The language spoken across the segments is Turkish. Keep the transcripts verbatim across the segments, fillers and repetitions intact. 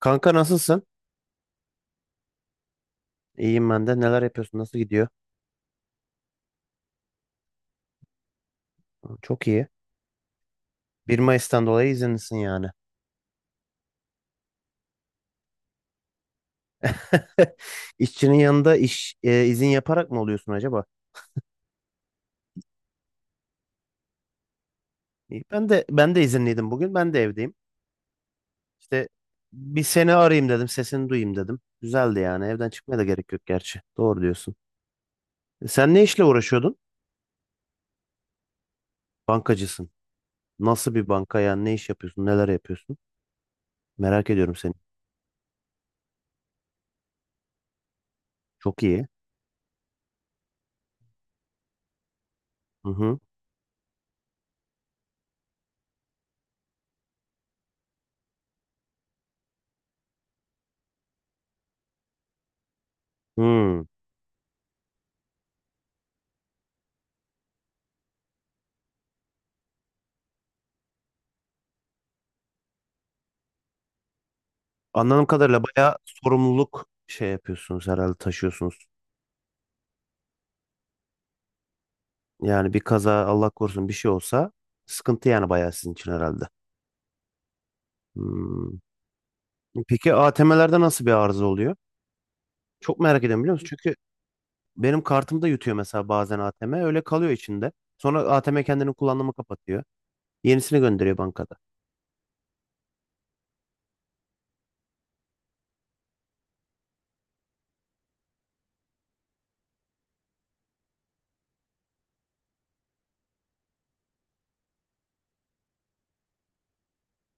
Kanka nasılsın? İyiyim ben de. Neler yapıyorsun? Nasıl gidiyor? Çok iyi. bir Mayıs'tan dolayı izinlisin yani. İşçinin yanında iş e, izin yaparak mı oluyorsun acaba? İyi. Ben de ben de izinliydim bugün. Ben de evdeyim. İşte bir seni arayayım dedim. Sesini duyayım dedim. Güzeldi yani. Evden çıkmaya da gerek yok gerçi. Doğru diyorsun. E, sen ne işle uğraşıyordun? Bankacısın. Nasıl bir banka yani? Ne iş yapıyorsun? Neler yapıyorsun? Merak ediyorum seni. Çok iyi. Hı hı. Hı. Anladığım kadarıyla bayağı sorumluluk şey yapıyorsunuz herhalde taşıyorsunuz. Yani bir kaza Allah korusun bir şey olsa sıkıntı yani bayağı sizin için herhalde. Hmm. Peki A T M'lerde nasıl bir arıza oluyor? Çok merak ediyorum biliyor musun? Çünkü benim kartımda yutuyor mesela bazen A T M öyle kalıyor içinde. Sonra A T M kendini kullanımı kapatıyor. Yenisini gönderiyor bankada.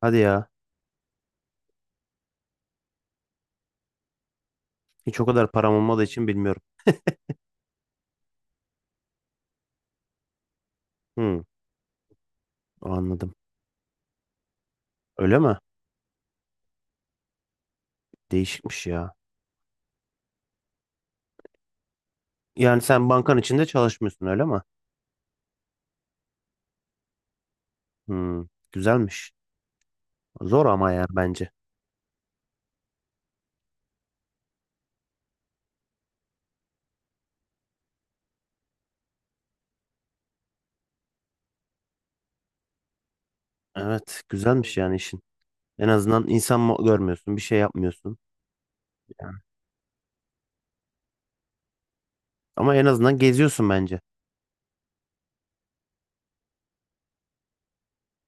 Hadi ya. Hiç o kadar param olmadığı için bilmiyorum. Hmm, anladım. Öyle mi? Değişikmiş ya. Yani sen bankan içinde çalışmıyorsun öyle mi? Hmm, güzelmiş. Zor ama ya bence. Evet, güzelmiş yani işin. En azından insan mı görmüyorsun, bir şey yapmıyorsun. Yani. Ama en azından geziyorsun bence.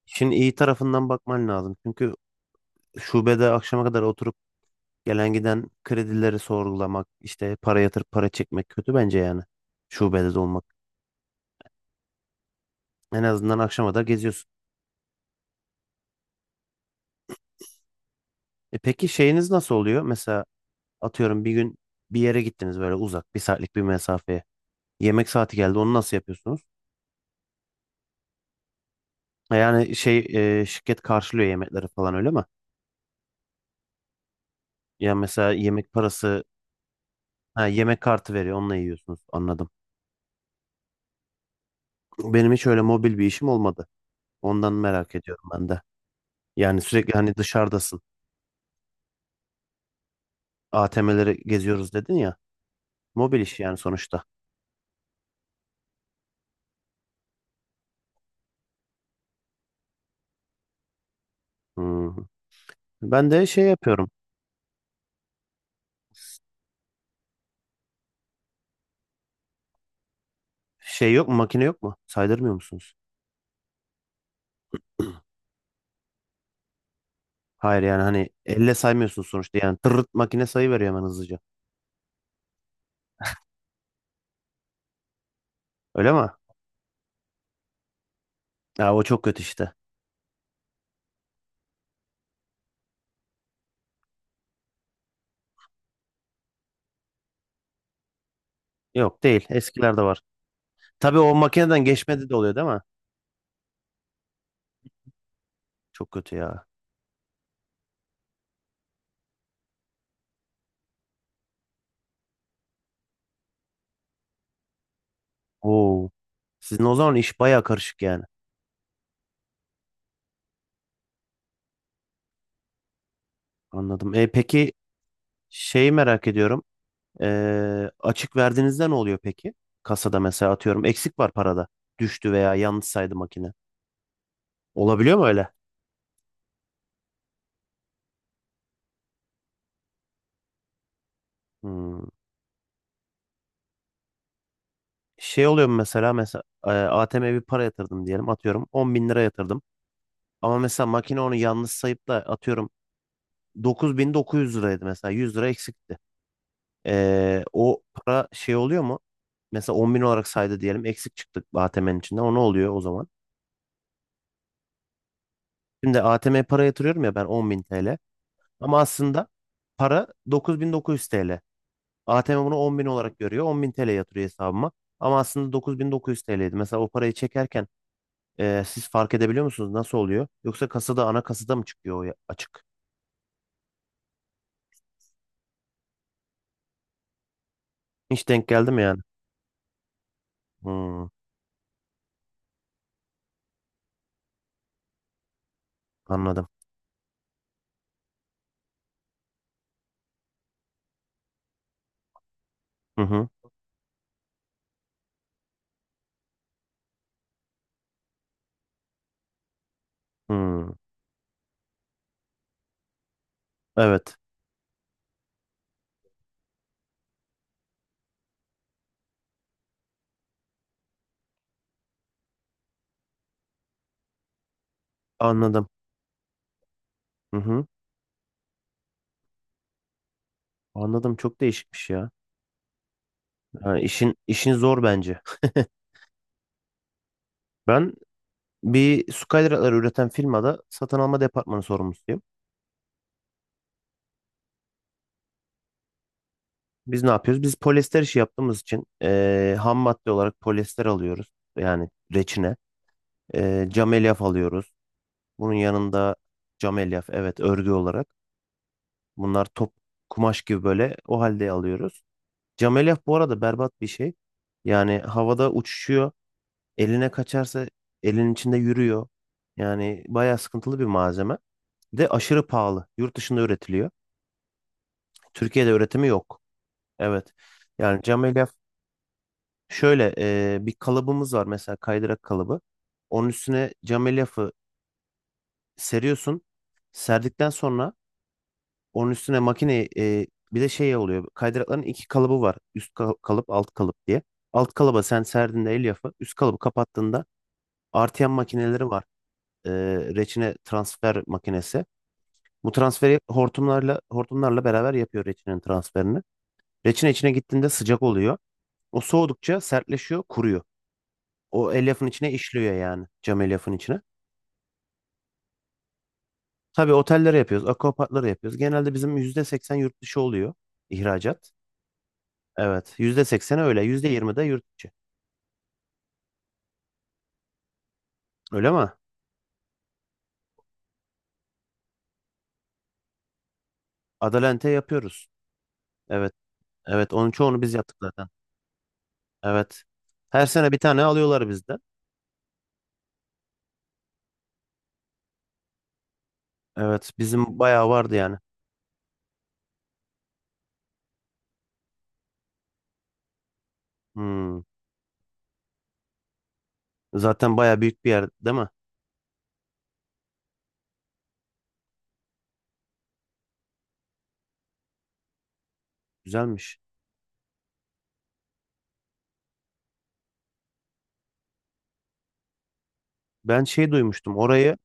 İşin iyi tarafından bakman lazım. Çünkü şubede akşama kadar oturup gelen giden kredileri sorgulamak, işte para yatırıp para çekmek kötü bence yani. Şubede de olmak. En azından akşama kadar geziyorsun. E peki şeyiniz nasıl oluyor? Mesela atıyorum bir gün bir yere gittiniz böyle uzak, bir saatlik bir mesafeye. Yemek saati geldi, onu nasıl yapıyorsunuz? E Yani şey e, şirket karşılıyor yemekleri falan öyle mi? Yani mesela yemek parası, ha, yemek kartı veriyor onunla yiyorsunuz anladım. Benim hiç öyle mobil bir işim olmadı. Ondan merak ediyorum ben de. Yani sürekli hani dışarıdasın. A T M'leri geziyoruz dedin ya. Mobil iş yani sonuçta. Hmm. Ben de şey yapıyorum. Şey yok mu makine yok mu? Saydırmıyor musunuz? Hayır yani hani elle saymıyorsunuz sonuçta. Yani tırırt makine sayı veriyor hemen hızlıca. Öyle mi? Ya o çok kötü işte. Yok değil. Eskilerde var. Tabii o makineden geçmedi de oluyor değil mi? Çok kötü ya. Oo. Sizin o zaman iş baya karışık yani. Anladım. E, peki şeyi merak ediyorum. E, açık verdiğinizde ne oluyor peki? Kasada mesela atıyorum eksik var parada. Düştü veya yanlış saydı makine. Olabiliyor mu öyle? Hmm. Şey oluyor mu mesela mesela e, A T M'ye bir para yatırdım diyelim atıyorum 10 bin lira yatırdım. Ama mesela makine onu yanlış sayıp da atıyorum dokuz bin dokuz yüz liraydı mesela yüz lira eksikti. Ee, o para şey oluyor mu? Mesela 10 bin olarak saydı diyelim. Eksik çıktık A T M'nin içinden. O ne oluyor o zaman? Şimdi A T M'ye para yatırıyorum ya ben on bin T L. Ama aslında para dokuz bin dokuz yüz T L. A T M bunu on bin olarak görüyor. on bin T L yatırıyor hesabıma. Ama aslında dokuz bin dokuz yüz T L'ydi. Mesela o parayı çekerken e, siz fark edebiliyor musunuz? Nasıl oluyor? Yoksa kasada ana kasada mı çıkıyor o ya- açık? Hiç denk geldi mi yani? Hmm, anladım. Hı hı. Hı. Evet. Anladım. Hı hı. Anladım. Çok değişikmiş ya. Ha, işin işin zor bence. Ben bir Skylight'ları üreten firmada satın alma departmanı sorumlusuyum. Biz ne yapıyoruz? Biz polyester işi yaptığımız için eee ham madde olarak polyester alıyoruz. Yani reçine. Eee cam elyaf alıyoruz. Bunun yanında cam elyaf evet örgü olarak. Bunlar top kumaş gibi böyle o halde alıyoruz. Cam elyaf bu arada berbat bir şey. Yani havada uçuşuyor. Eline kaçarsa elin içinde yürüyor. Yani bayağı sıkıntılı bir malzeme. Bir de aşırı pahalı. Yurt dışında üretiliyor. Türkiye'de üretimi yok. Evet. Yani cam elyaf şöyle e, bir kalıbımız var mesela kaydırak kalıbı. Onun üstüne cam elyafı seriyorsun. Serdikten sonra onun üstüne makineyi e, bir de şey oluyor. Kaydırakların iki kalıbı var. Üst ka- kalıp, alt kalıp diye. Alt kalıba sen serdiğinde elyafı, üst kalıbı kapattığında artıyan makineleri var. e, reçine transfer makinesi. Bu transferi hortumlarla hortumlarla beraber yapıyor reçinenin transferini. Reçine içine gittiğinde sıcak oluyor. O soğudukça sertleşiyor, kuruyor. O elyafın içine işliyor yani cam elyafın içine. Tabii otellere yapıyoruz, akvaparklara yapıyoruz. Genelde bizim yüzde seksen yurt dışı oluyor ihracat. Evet, yüzde seksen öyle, yüzde yirmi de yurt içi. Öyle mi? Adalente yapıyoruz. Evet, evet onun çoğunu biz yaptık zaten. Evet. Her sene bir tane alıyorlar bizden. Evet, bizim bayağı vardı yani. Hmm. Zaten baya büyük bir yer değil mi? Güzelmiş. Ben şey duymuştum orayı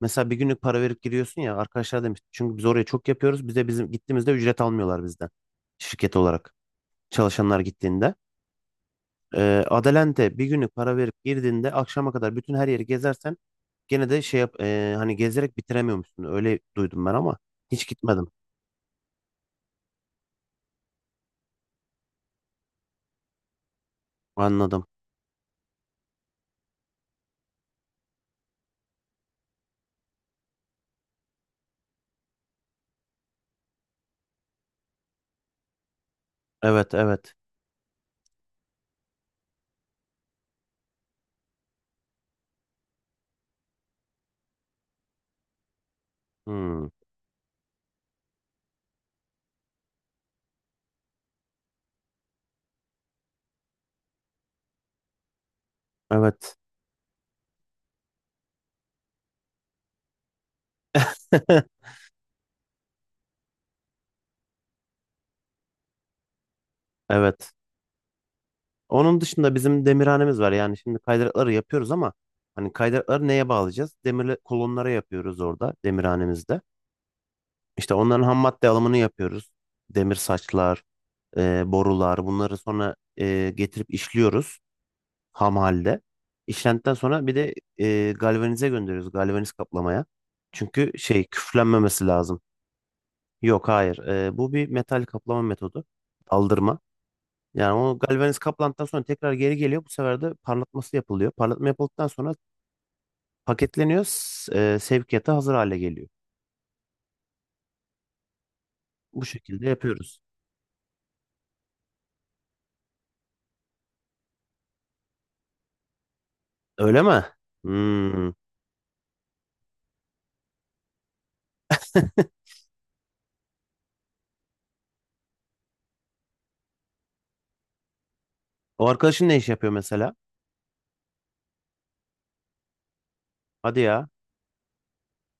mesela bir günlük para verip giriyorsun ya arkadaşlar demiş. Çünkü biz oraya çok yapıyoruz. Bize bizim gittiğimizde ücret almıyorlar bizden. Şirket olarak çalışanlar gittiğinde. Ee, Adelante bir günlük para verip girdiğinde akşama kadar bütün her yeri gezersen gene de şey yap e, hani gezerek bitiremiyormuşsun. Öyle duydum ben ama hiç gitmedim. Anladım. Evet evet. Hmm, evet. Evet. Onun dışında bizim demirhanemiz var. Yani şimdi kaydırakları yapıyoruz ama hani kaydırakları neye bağlayacağız? Demir kolonlara yapıyoruz orada demirhanemizde. İşte onların ham madde alımını yapıyoruz. Demir saçlar, e, borular bunları sonra e, getirip işliyoruz ham halde. İşlendikten sonra bir de e, galvanize gönderiyoruz galvaniz kaplamaya. Çünkü şey küflenmemesi lazım. Yok, hayır. E, bu bir metal kaplama metodu. Aldırma. Yani o galvaniz kaplandıktan sonra tekrar geri geliyor. Bu sefer de parlatması yapılıyor. Parlatma yapıldıktan sonra paketleniyor. s- e, sevkiyata hazır hale geliyor. Bu şekilde yapıyoruz. Öyle mi? Hmm. O arkadaşın ne iş yapıyor mesela? Hadi ya.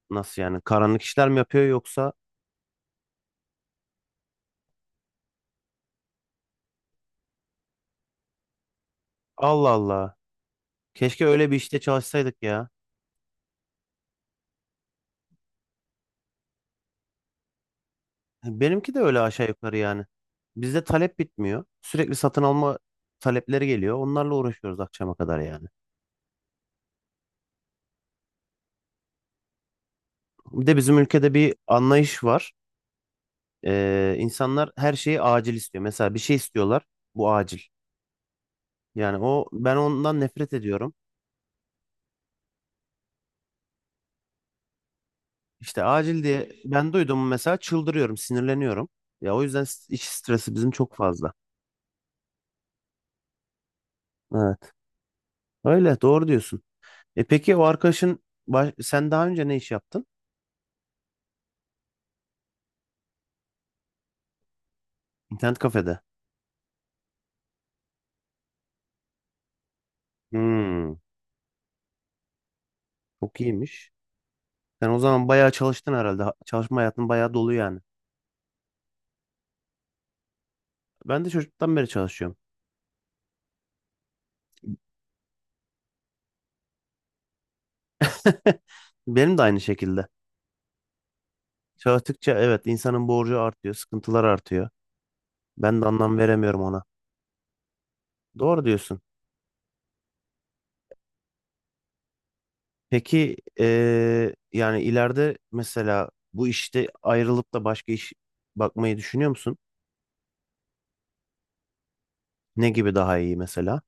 Nasıl yani? Karanlık işler mi yapıyor yoksa? Allah Allah. Keşke öyle bir işte çalışsaydık ya. Benimki de öyle aşağı yukarı yani. Bizde talep bitmiyor. Sürekli satın alma talepleri geliyor. Onlarla uğraşıyoruz akşama kadar yani. Bir de bizim ülkede bir anlayış var. Ee, insanlar her şeyi acil istiyor. Mesela bir şey istiyorlar. Bu acil. Yani o ben ondan nefret ediyorum. İşte acil diye ben duydum mesela çıldırıyorum, sinirleniyorum. Ya o yüzden s- iş stresi bizim çok fazla. Evet. Öyle doğru diyorsun. E peki o arkadaşın baş- sen daha önce ne iş yaptın? İnternet kafede. Hmm, çok iyiymiş. Sen o zaman bayağı çalıştın herhalde. Ha- Çalışma hayatın bayağı dolu yani. Ben de çocuktan beri çalışıyorum. Benim de aynı şekilde. Çalıştıkça evet insanın borcu artıyor, sıkıntılar artıyor. Ben de anlam veremiyorum ona. Doğru diyorsun. Peki eee, yani ileride mesela bu işte ayrılıp da başka iş bakmayı düşünüyor musun? Ne gibi daha iyi mesela?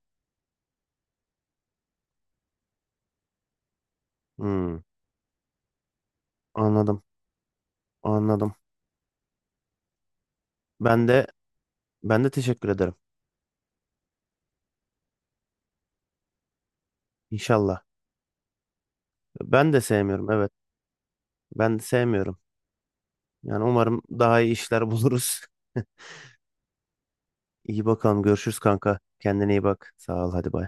Hmm, anladım, anladım. Ben de ben de teşekkür ederim. İnşallah. Ben de sevmiyorum, evet. Ben de sevmiyorum. Yani umarım daha iyi işler buluruz. İyi bakalım, görüşürüz kanka. Kendine iyi bak. Sağ ol, hadi bay.